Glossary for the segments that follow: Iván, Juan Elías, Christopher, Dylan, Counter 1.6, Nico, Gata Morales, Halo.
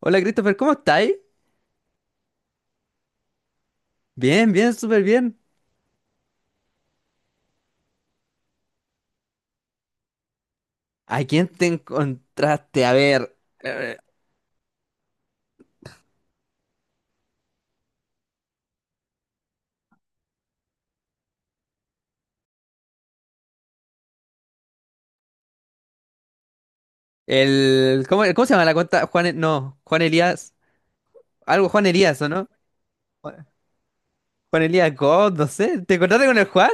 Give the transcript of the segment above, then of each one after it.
Hola Christopher, ¿cómo estáis? Bien, bien, súper bien. ¿A quién te encontraste? A ver, eh, ¿cómo, cómo se llama la cuenta? Juan, E- no, Juan Elías, algo Juan Elías, ¿o no? Juan Juan Elías God, no sé. ¿Te encontraste con el Juan?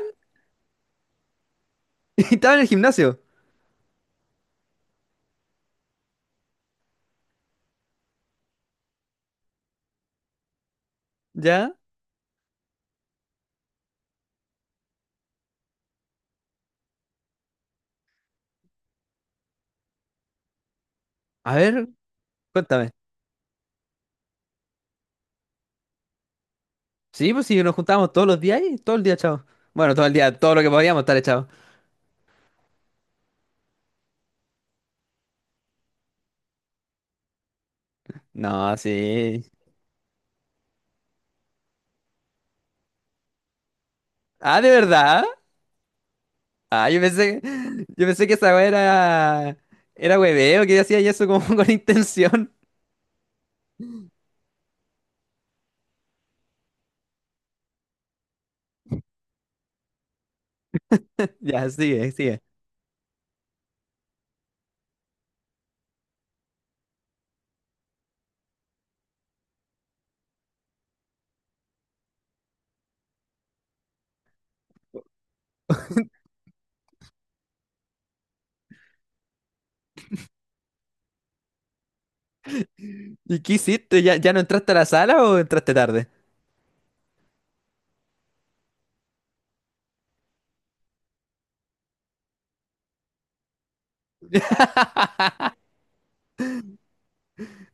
Estaba en el gimnasio. ¿Ya? A ver, cuéntame. Sí, pues sí, nos juntábamos todos los días y todo el día, chao. Bueno, todo el día, todo lo que podíamos estar echados. No, sí. Ah, ¿de verdad? Ah, yo pensé que esa weá era, era hueveo, que hacía eso como con intención. Ya, sigue, sigue. ¿Y qué hiciste? ¿Ya, ya no entraste a la sala o entraste tarde?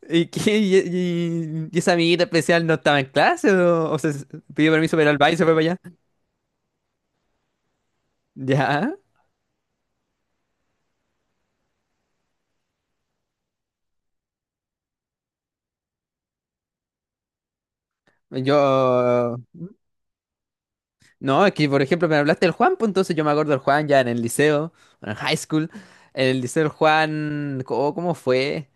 ¿Y, y esa amiguita especial no estaba en clase o, o se pidió permiso para ir al baile y se fue para allá? Ya. Yo... No, es que por ejemplo me hablaste del Juan, pues entonces yo me acuerdo del Juan ya en el liceo, en el high school. En el liceo del Juan, ¿cómo, cómo fue?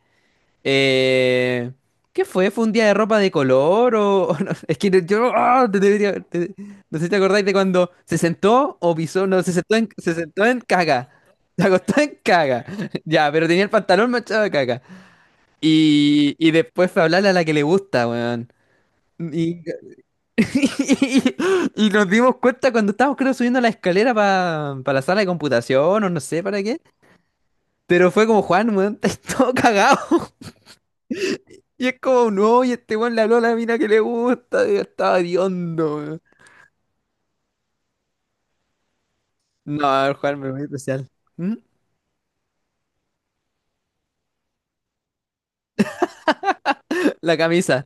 Eh, ¿Qué fue? ¿Fue un día de ropa de color o...? ¿O no? Es que no- yo... ah, te debería- te- no sé si te acordáis de cuando se sentó o pisó... No, se sentó en caga. Se acostó en caga. Ya, pero tenía el pantalón manchado de caga. Y después fue a hablarle a la que le gusta, weón. Y, y nos dimos cuenta cuando estábamos, creo, subiendo la escalera para la sala de computación o no sé para qué. Pero fue como, Juan, weón, estás todo cagado. Y es como, no, y este weón le habló a la mina que le gusta, y estaba hediondo, weón. No, el jugar me muy especial. ¿Mm? La camisa.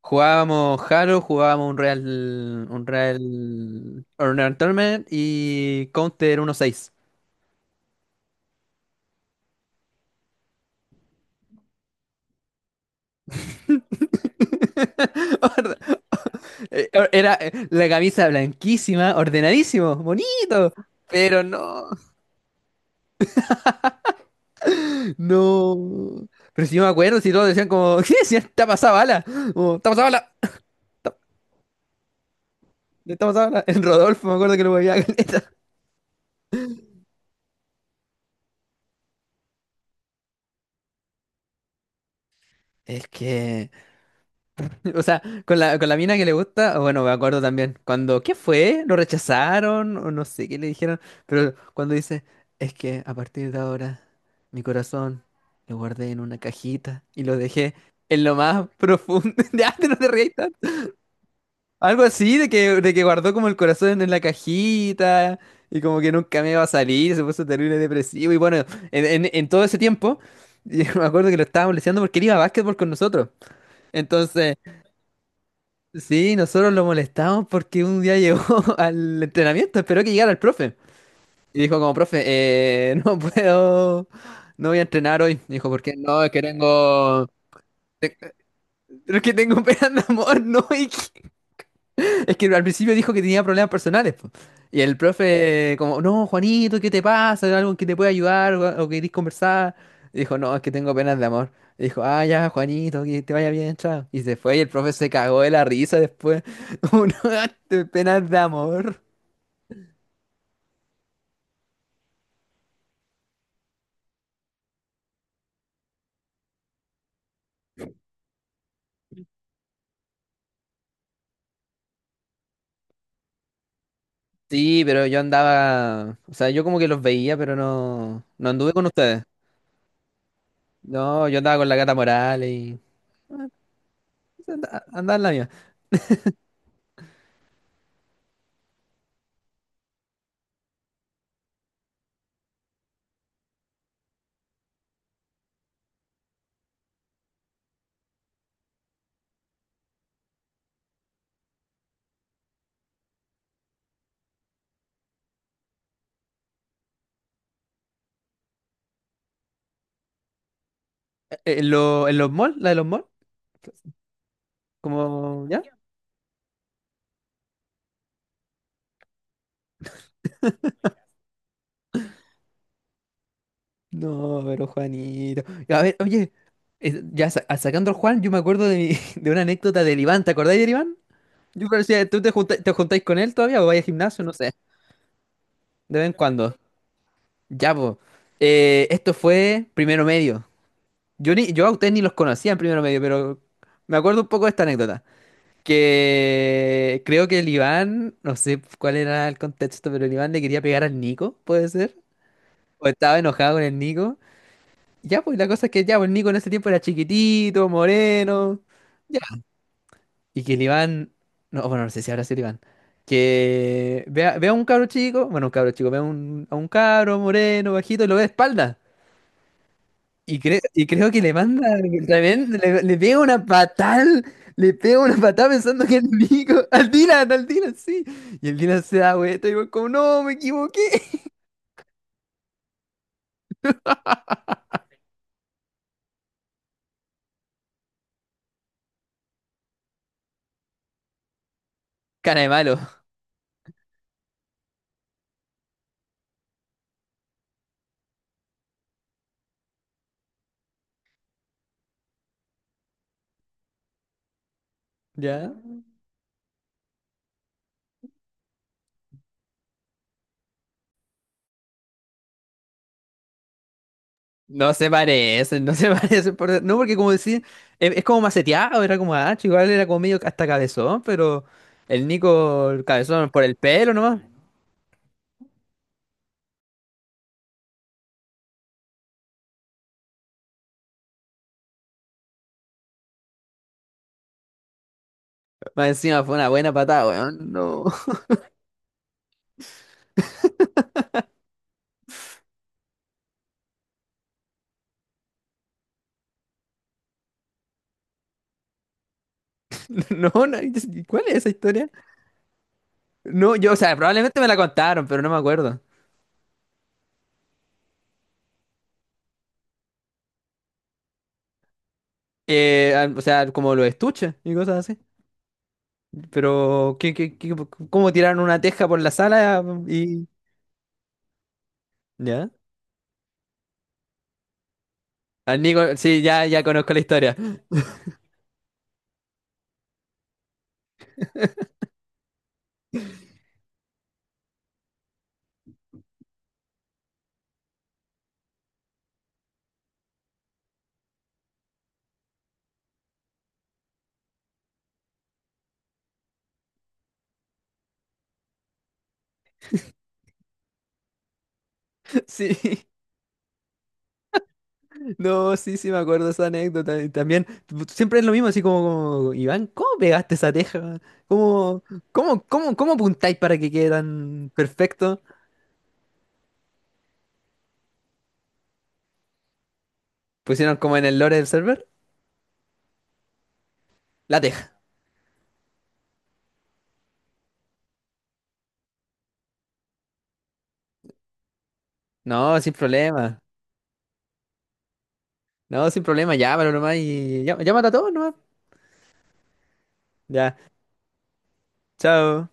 Jugábamos Halo, un Real Honor Tournament y Counter 1.6. Orde- Era la camisa blanquísima, ordenadísimo, bonito. Pero no, no. Pero si yo me acuerdo, si todos decían como, ¿qué decían? Está pasada bala. Como, está pasada bala. Está pasada bala. En Rodolfo, me acuerdo que lo veía caleta. Es que, o sea, con la mina que le gusta, bueno, me acuerdo también, cuando, ¿qué fue? ¿Lo rechazaron? O no sé qué le dijeron, pero cuando dice, es que a partir de ahora, mi corazón lo guardé en una cajita y lo dejé en lo más profundo. Ya, no te rías tanto. Algo así de que guardó como el corazón en la cajita y como que nunca me iba a salir, se puso terrible depresivo y bueno, en todo ese tiempo, yo me acuerdo que lo estábamos molestando porque él iba a básquetbol con nosotros. Entonces... Sí, nosotros lo molestamos porque un día llegó al entrenamiento, esperó que llegara el profe. Y dijo como, profe, no puedo, no voy a entrenar hoy. Dijo, ¿por qué? No, es que tengo pena de amor, no, y es que al principio dijo que tenía problemas personales, po. Y el profe, como, no, Juanito, ¿qué te pasa? ¿Algo que te puede ayudar o querés conversar? Y dijo, no, es que tengo penas de amor. Y dijo, ah, ya, Juanito, que te vaya bien, chao. Y se fue y el profe se cagó de la risa después. Uno, de penas de amor. Sí, pero yo andaba, o sea, yo como que los veía, pero no, no anduve con ustedes. No, yo andaba con la Gata Morales y andaba en la mía. ¿En, en los malls? ¿La de los malls? Como, ya. No, pero Juanito. A ver, oye, ya sacando al Juan, yo me acuerdo de, de una anécdota del Iván. ¿Te acordáis del Iván? Yo parecía, ¿tú te juntáis con él todavía o vais al gimnasio? No sé, de vez en cuando. Ya, pues. Esto fue primero medio. Yo a ustedes ni los conocía en primero medio, pero me acuerdo un poco de esta anécdota. Que creo que el Iván, no sé cuál era el contexto, pero el Iván le quería pegar al Nico, ¿puede ser? O estaba enojado con el Nico. Ya, pues la cosa es que ya, pues el Nico en ese tiempo era chiquitito, moreno. Ya. Y que el Iván, no, bueno, no sé si habrá sido el Iván. Que vea, vea a un cabro chico, bueno, un cabro chico, vea un, a un cabro moreno, bajito, y lo ve de espalda. Y, y creo que le pega una patada, le pega una patada pensando que es Nico, al Dylan, sí. Y el Dylan se da vuelta y va como, no, me equivoqué. Cara de malo, ¿ya? No se parecen, no se parecen. No, porque como decía, es como maceteado, era como ah igual era como medio hasta cabezón, pero el Nico, el cabezón por el pelo nomás. Más encima fue una buena patada, weón. No, no, no, ¿cuál es esa historia? No, yo, o sea, probablemente me la contaron, pero no me acuerdo. O sea, como los estuches y cosas así. Pero, ¿cómo tiraron una teja por la sala y... ¿Ya? Al Nico, sí, ya, ya conozco la historia. Sí. No, sí, sí, me acuerdo esa anécdota. Y también, siempre es lo mismo, así como, como, Iván, ¿cómo pegaste esa teja? ¿Cómo, cómo apuntáis para que quede tan perfecto? Pusieron como en el lore del server, la teja. No, sin problema. No, sin problema, llámalo nomás y llámate a todos nomás. Ya, chao.